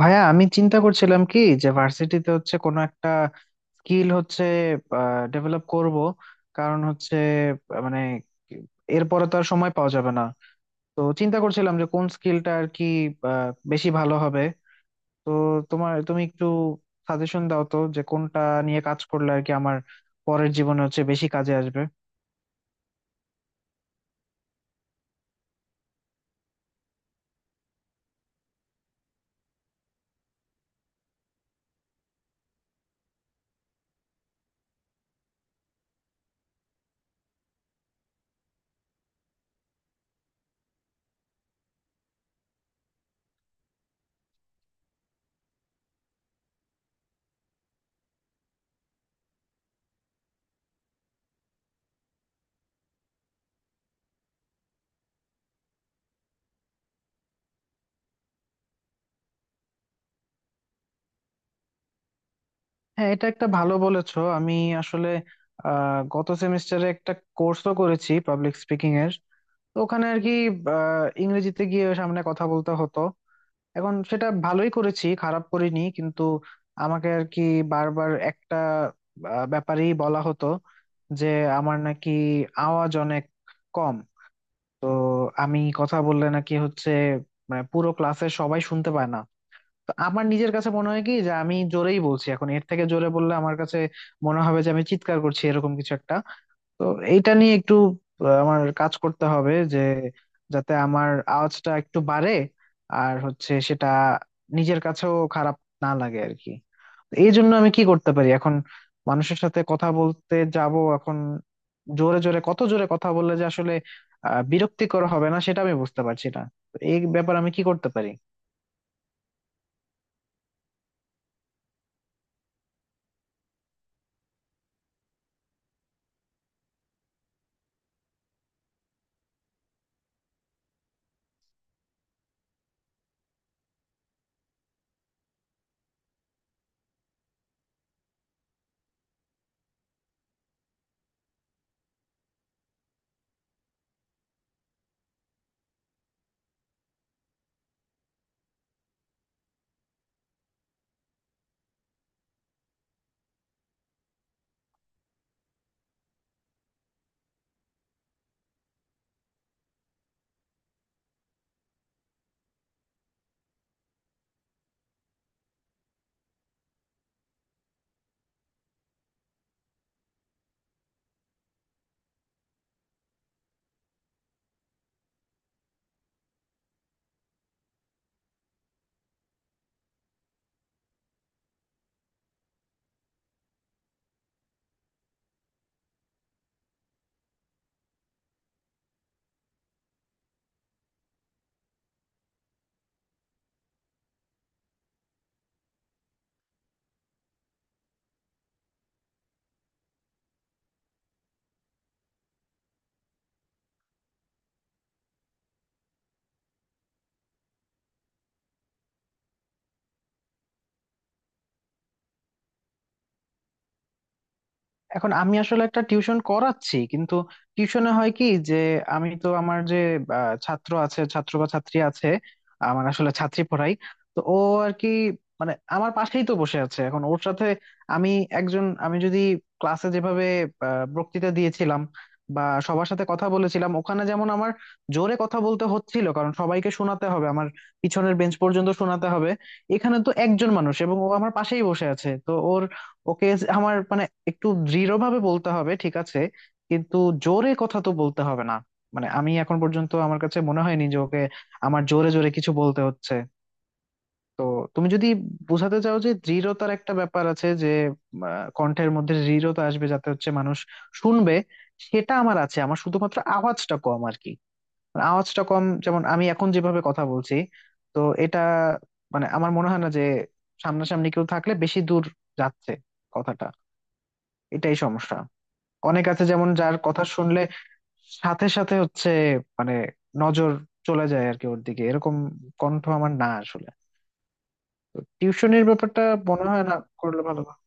ভাইয়া আমি চিন্তা করছিলাম কি যে ভার্সিটিতে হচ্ছে কোনো একটা স্কিল হচ্ছে ডেভেলপ করব। কারণ হচ্ছে মানে এরপরে তো আর সময় পাওয়া যাবে না। তো চিন্তা করছিলাম যে কোন স্কিলটা আর কি বেশি ভালো হবে। তো তোমার তুমি একটু সাজেশন দাও তো যে কোনটা নিয়ে কাজ করলে আর কি আমার পরের জীবনে হচ্ছে বেশি কাজে আসবে। হ্যাঁ, এটা একটা ভালো বলেছো। আমি আসলে গত সেমিস্টারে একটা কোর্সও করেছি পাবলিক স্পিকিং এর। তো ওখানে আর কি ইংরেজিতে গিয়ে সামনে কথা বলতে হতো। এখন সেটা ভালোই করেছি, খারাপ করিনি, কিন্তু আমাকে আর কি বারবার একটা ব্যাপারেই বলা হতো, যে আমার নাকি আওয়াজ অনেক কম। তো আমি কথা বললে নাকি হচ্ছে মানে পুরো ক্লাসের সবাই শুনতে পায় না। তো আমার নিজের কাছে মনে হয় কি যে আমি জোরেই বলছি, এখন এর থেকে জোরে বললে আমার কাছে মনে হবে যে আমি চিৎকার করছি, এরকম কিছু একটা। তো এইটা নিয়ে একটু আমার কাজ করতে হবে, যে যাতে আমার আওয়াজটা একটু বাড়ে, আর হচ্ছে সেটা নিজের কাছেও খারাপ না লাগে আর কি। এই জন্য আমি কি করতে পারি? এখন মানুষের সাথে কথা বলতে যাব, এখন জোরে জোরে কত জোরে কথা বললে যে আসলে বিরক্তিকর হবে না, সেটা আমি বুঝতে পারছি না। তো এই ব্যাপারে আমি কি করতে পারি? এখন আমি আসলে একটা টিউশন করাচ্ছি, কিন্তু টিউশনে হয় কি, যে আমি তো আমার যে ছাত্র আছে, ছাত্র বা ছাত্রী আছে, আমার আসলে ছাত্রী পড়াই। তো ও আর কি, মানে আমার পাশেই তো বসে আছে। এখন ওর সাথে আমি, একজন, আমি যদি ক্লাসে যেভাবে বক্তৃতা দিয়েছিলাম বা সবার সাথে কথা বলেছিলাম ওখানে, যেমন আমার জোরে কথা বলতে হচ্ছিল, কারণ সবাইকে শোনাতে হবে, আমার পিছনের বেঞ্চ পর্যন্ত শোনাতে হবে। এখানে তো একজন মানুষ এবং ও আমার পাশেই বসে আছে, তো ওর, ওকে আমার মানে একটু দৃঢ়ভাবে বলতে হবে, ঠিক আছে, কিন্তু জোরে কথা তো বলতে হবে না। মানে আমি এখন পর্যন্ত আমার কাছে মনে হয়নি যে ওকে আমার জোরে জোরে কিছু বলতে হচ্ছে। তো তুমি যদি বোঝাতে চাও যে দৃঢ়তার একটা ব্যাপার আছে, যে আহ, কণ্ঠের মধ্যে দৃঢ়তা আসবে যাতে হচ্ছে মানুষ শুনবে, সেটা আমার আছে। আমার শুধুমাত্র আওয়াজটা কম আর কি। মানে আওয়াজটা কম, যেমন আমি এখন যেভাবে কথা বলছি, তো এটা মানে আমার মনে হয় না যে সামনাসামনি কেউ থাকলে বেশি দূর যাচ্ছে কথাটা, এটাই সমস্যা। অনেক আছে যেমন, যার কথা শুনলে সাথে সাথে হচ্ছে মানে নজর চলে যায় আর কি ওর দিকে, এরকম কণ্ঠ আমার না আসলে। তো টিউশনের ব্যাপারটা মনে হয় না করলে ভালো হয়।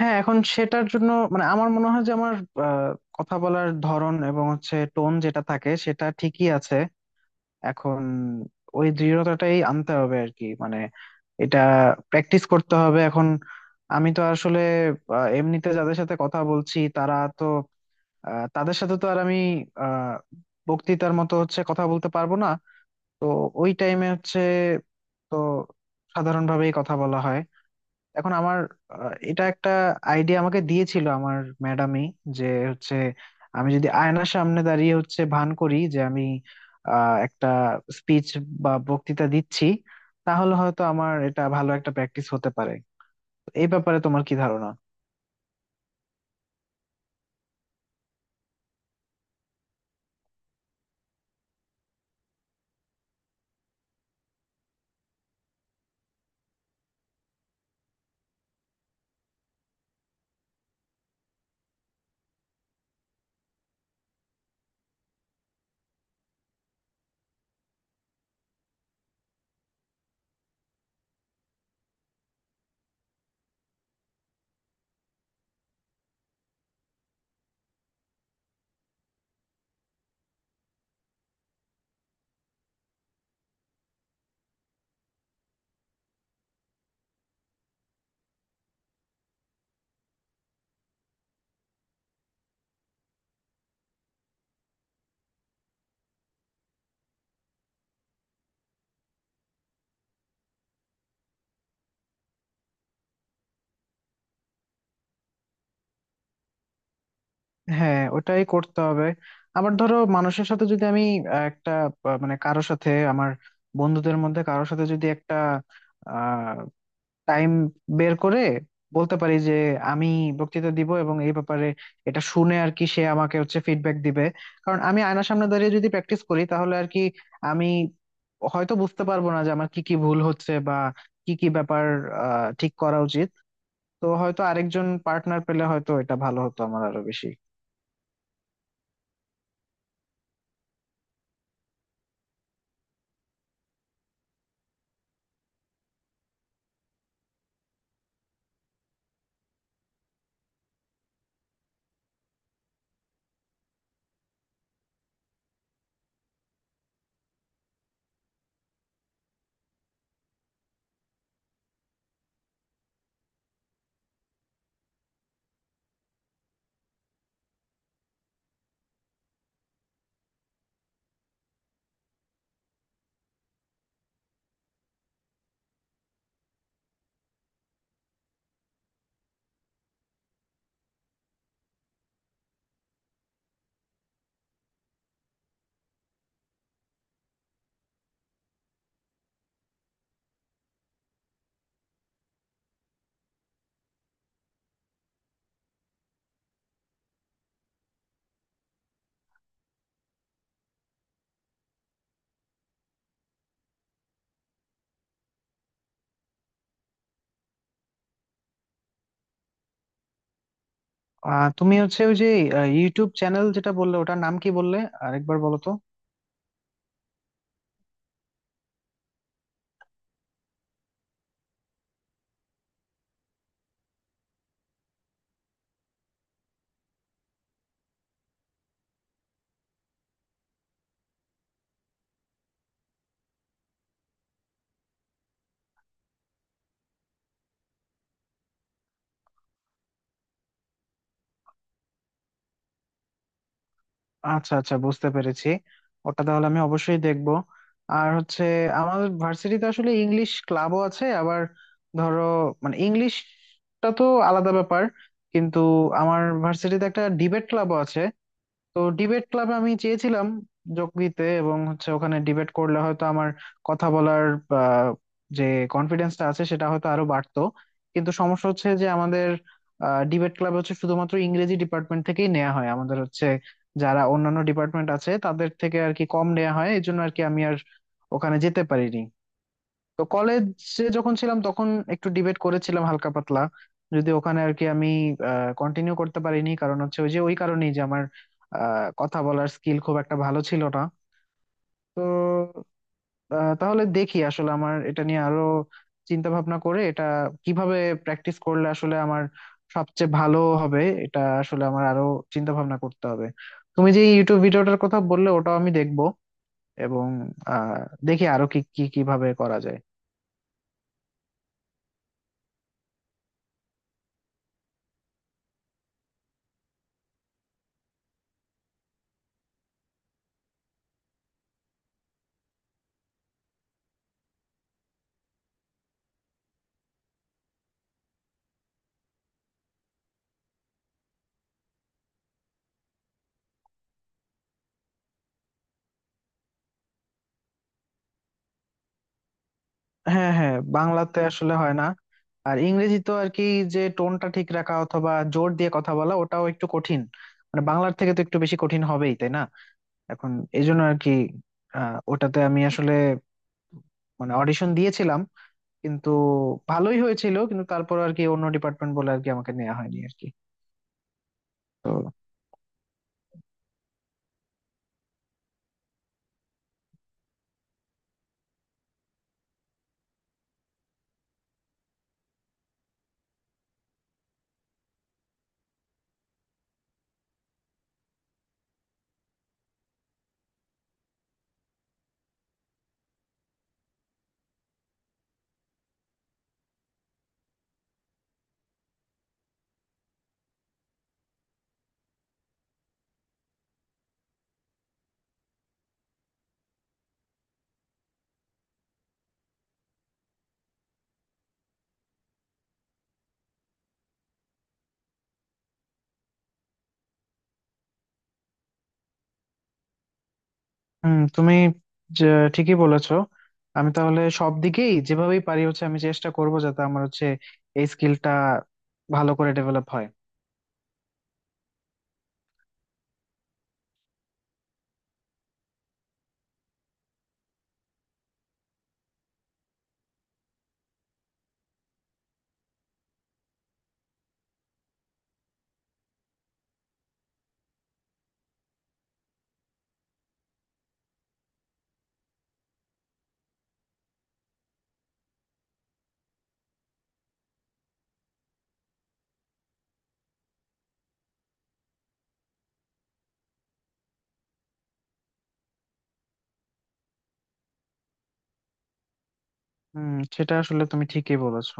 হ্যাঁ, এখন সেটার জন্য মানে আমার মনে হয় যে আমার আহ, কথা বলার ধরন এবং হচ্ছে টোন যেটা থাকে সেটা ঠিকই আছে। এখন ওই দৃঢ়তাটাই আনতে হবে আর কি, মানে এটা প্র্যাকটিস করতে হবে। এখন আমি তো আসলে এমনিতে যাদের সাথে কথা বলছি তারা তো, তাদের সাথে তো আর আমি আহ বক্তৃতার মতো হচ্ছে কথা বলতে পারবো না। তো ওই টাইমে হচ্ছে, তো সাধারণভাবেই কথা বলা হয়। এখন আমার এটা একটা আইডিয়া আমাকে দিয়েছিল আমার ম্যাডামই, যে হচ্ছে আমি যদি আয়নার সামনে দাঁড়িয়ে হচ্ছে ভান করি যে আমি একটা স্পিচ বা বক্তৃতা দিচ্ছি, তাহলে হয়তো আমার এটা ভালো একটা প্র্যাকটিস হতে পারে। এই ব্যাপারে তোমার কি ধারণা? হ্যাঁ, ওটাই করতে হবে। আবার ধরো মানুষের সাথে যদি আমি একটা মানে কারোর সাথে আমার, বন্ধুদের মধ্যে কারোর সাথে যদি একটা টাইম বের করে বলতে পারি যে আমি বক্তৃতা দিব, এবং এই ব্যাপারে এটা শুনে আর কি সে আমাকে হচ্ছে ফিডব্যাক দিবে। কারণ আমি আয়নার সামনে দাঁড়িয়ে যদি প্র্যাকটিস করি তাহলে আর কি আমি হয়তো বুঝতে পারবো না যে আমার কি কি ভুল হচ্ছে বা কি কি ব্যাপার ঠিক করা উচিত। তো হয়তো আরেকজন পার্টনার পেলে হয়তো এটা ভালো হতো আমার, আরো বেশি। তুমি হচ্ছে ওই যে ইউটিউব চ্যানেল যেটা বললে, ওটার নাম কি বললে? আরেকবার বলো তো। আচ্ছা আচ্ছা, বুঝতে পেরেছি, ওটা তাহলে আমি অবশ্যই দেখবো। আর হচ্ছে আমাদের ভার্সিটিতে আসলে ইংলিশ ক্লাবও আছে। আবার ধরো মানে ইংলিশটা তো আলাদা ব্যাপার, কিন্তু আমার ভার্সিটিতে একটা ডিবেট ক্লাবও আছে। তো ডিবেট ক্লাবে আমি চেয়েছিলাম যোগ দিতে, এবং হচ্ছে ওখানে ডিবেট করলে হয়তো আমার কথা বলার আহ, যে কনফিডেন্সটা আছে সেটা হয়তো আরো বাড়তো। কিন্তু সমস্যা হচ্ছে যে আমাদের ডিবেট ক্লাব হচ্ছে শুধুমাত্র ইংরেজি ডিপার্টমেন্ট থেকেই নেওয়া হয়, আমাদের হচ্ছে যারা অন্যান্য ডিপার্টমেন্ট আছে তাদের থেকে আর কি কম নেওয়া হয়, এই জন্য আর কি আমি আর ওখানে যেতে পারিনি। তো কলেজে যখন ছিলাম তখন একটু ডিবেট করেছিলাম, হালকা পাতলা, যদি ওখানে আর কি আমি কন্টিনিউ করতে পারিনি, কারণ হচ্ছে ওই যে ওই কারণেই যে আমার কথা বলার স্কিল খুব একটা ভালো ছিল না। তো তাহলে দেখি আসলে আমার এটা নিয়ে আরো চিন্তা ভাবনা করে, এটা কিভাবে প্র্যাকটিস করলে আসলে আমার সবচেয়ে ভালো হবে, এটা আসলে আমার আরো চিন্তা ভাবনা করতে হবে। তুমি যে ইউটিউব ভিডিওটার কথা বললে ওটাও আমি দেখবো, এবং আহ দেখি আরো কি কি কিভাবে করা যায়। হ্যাঁ হ্যাঁ, বাংলাতে আসলে হয় না। আর ইংরেজি তো আর কি, যে টোনটা ঠিক রাখা অথবা জোর দিয়ে কথা বলা ওটাও একটু কঠিন, মানে বাংলার থেকে তো একটু বেশি কঠিন হবেই তাই না। এখন এই জন্য আর কি ওটাতে আমি আসলে মানে অডিশন দিয়েছিলাম, কিন্তু ভালোই হয়েছিল, কিন্তু তারপর আর কি অন্য ডিপার্টমেন্ট বলে আর কি আমাকে নেওয়া হয়নি আর কি। তো হুম, তুমি যে ঠিকই বলেছো, আমি তাহলে সব দিকেই যেভাবেই পারি হচ্ছে আমি চেষ্টা করব যাতে আমার হচ্ছে এই স্কিলটা ভালো করে ডেভেলপ হয়। হুম, সেটা আসলে তুমি ঠিকই বলেছো।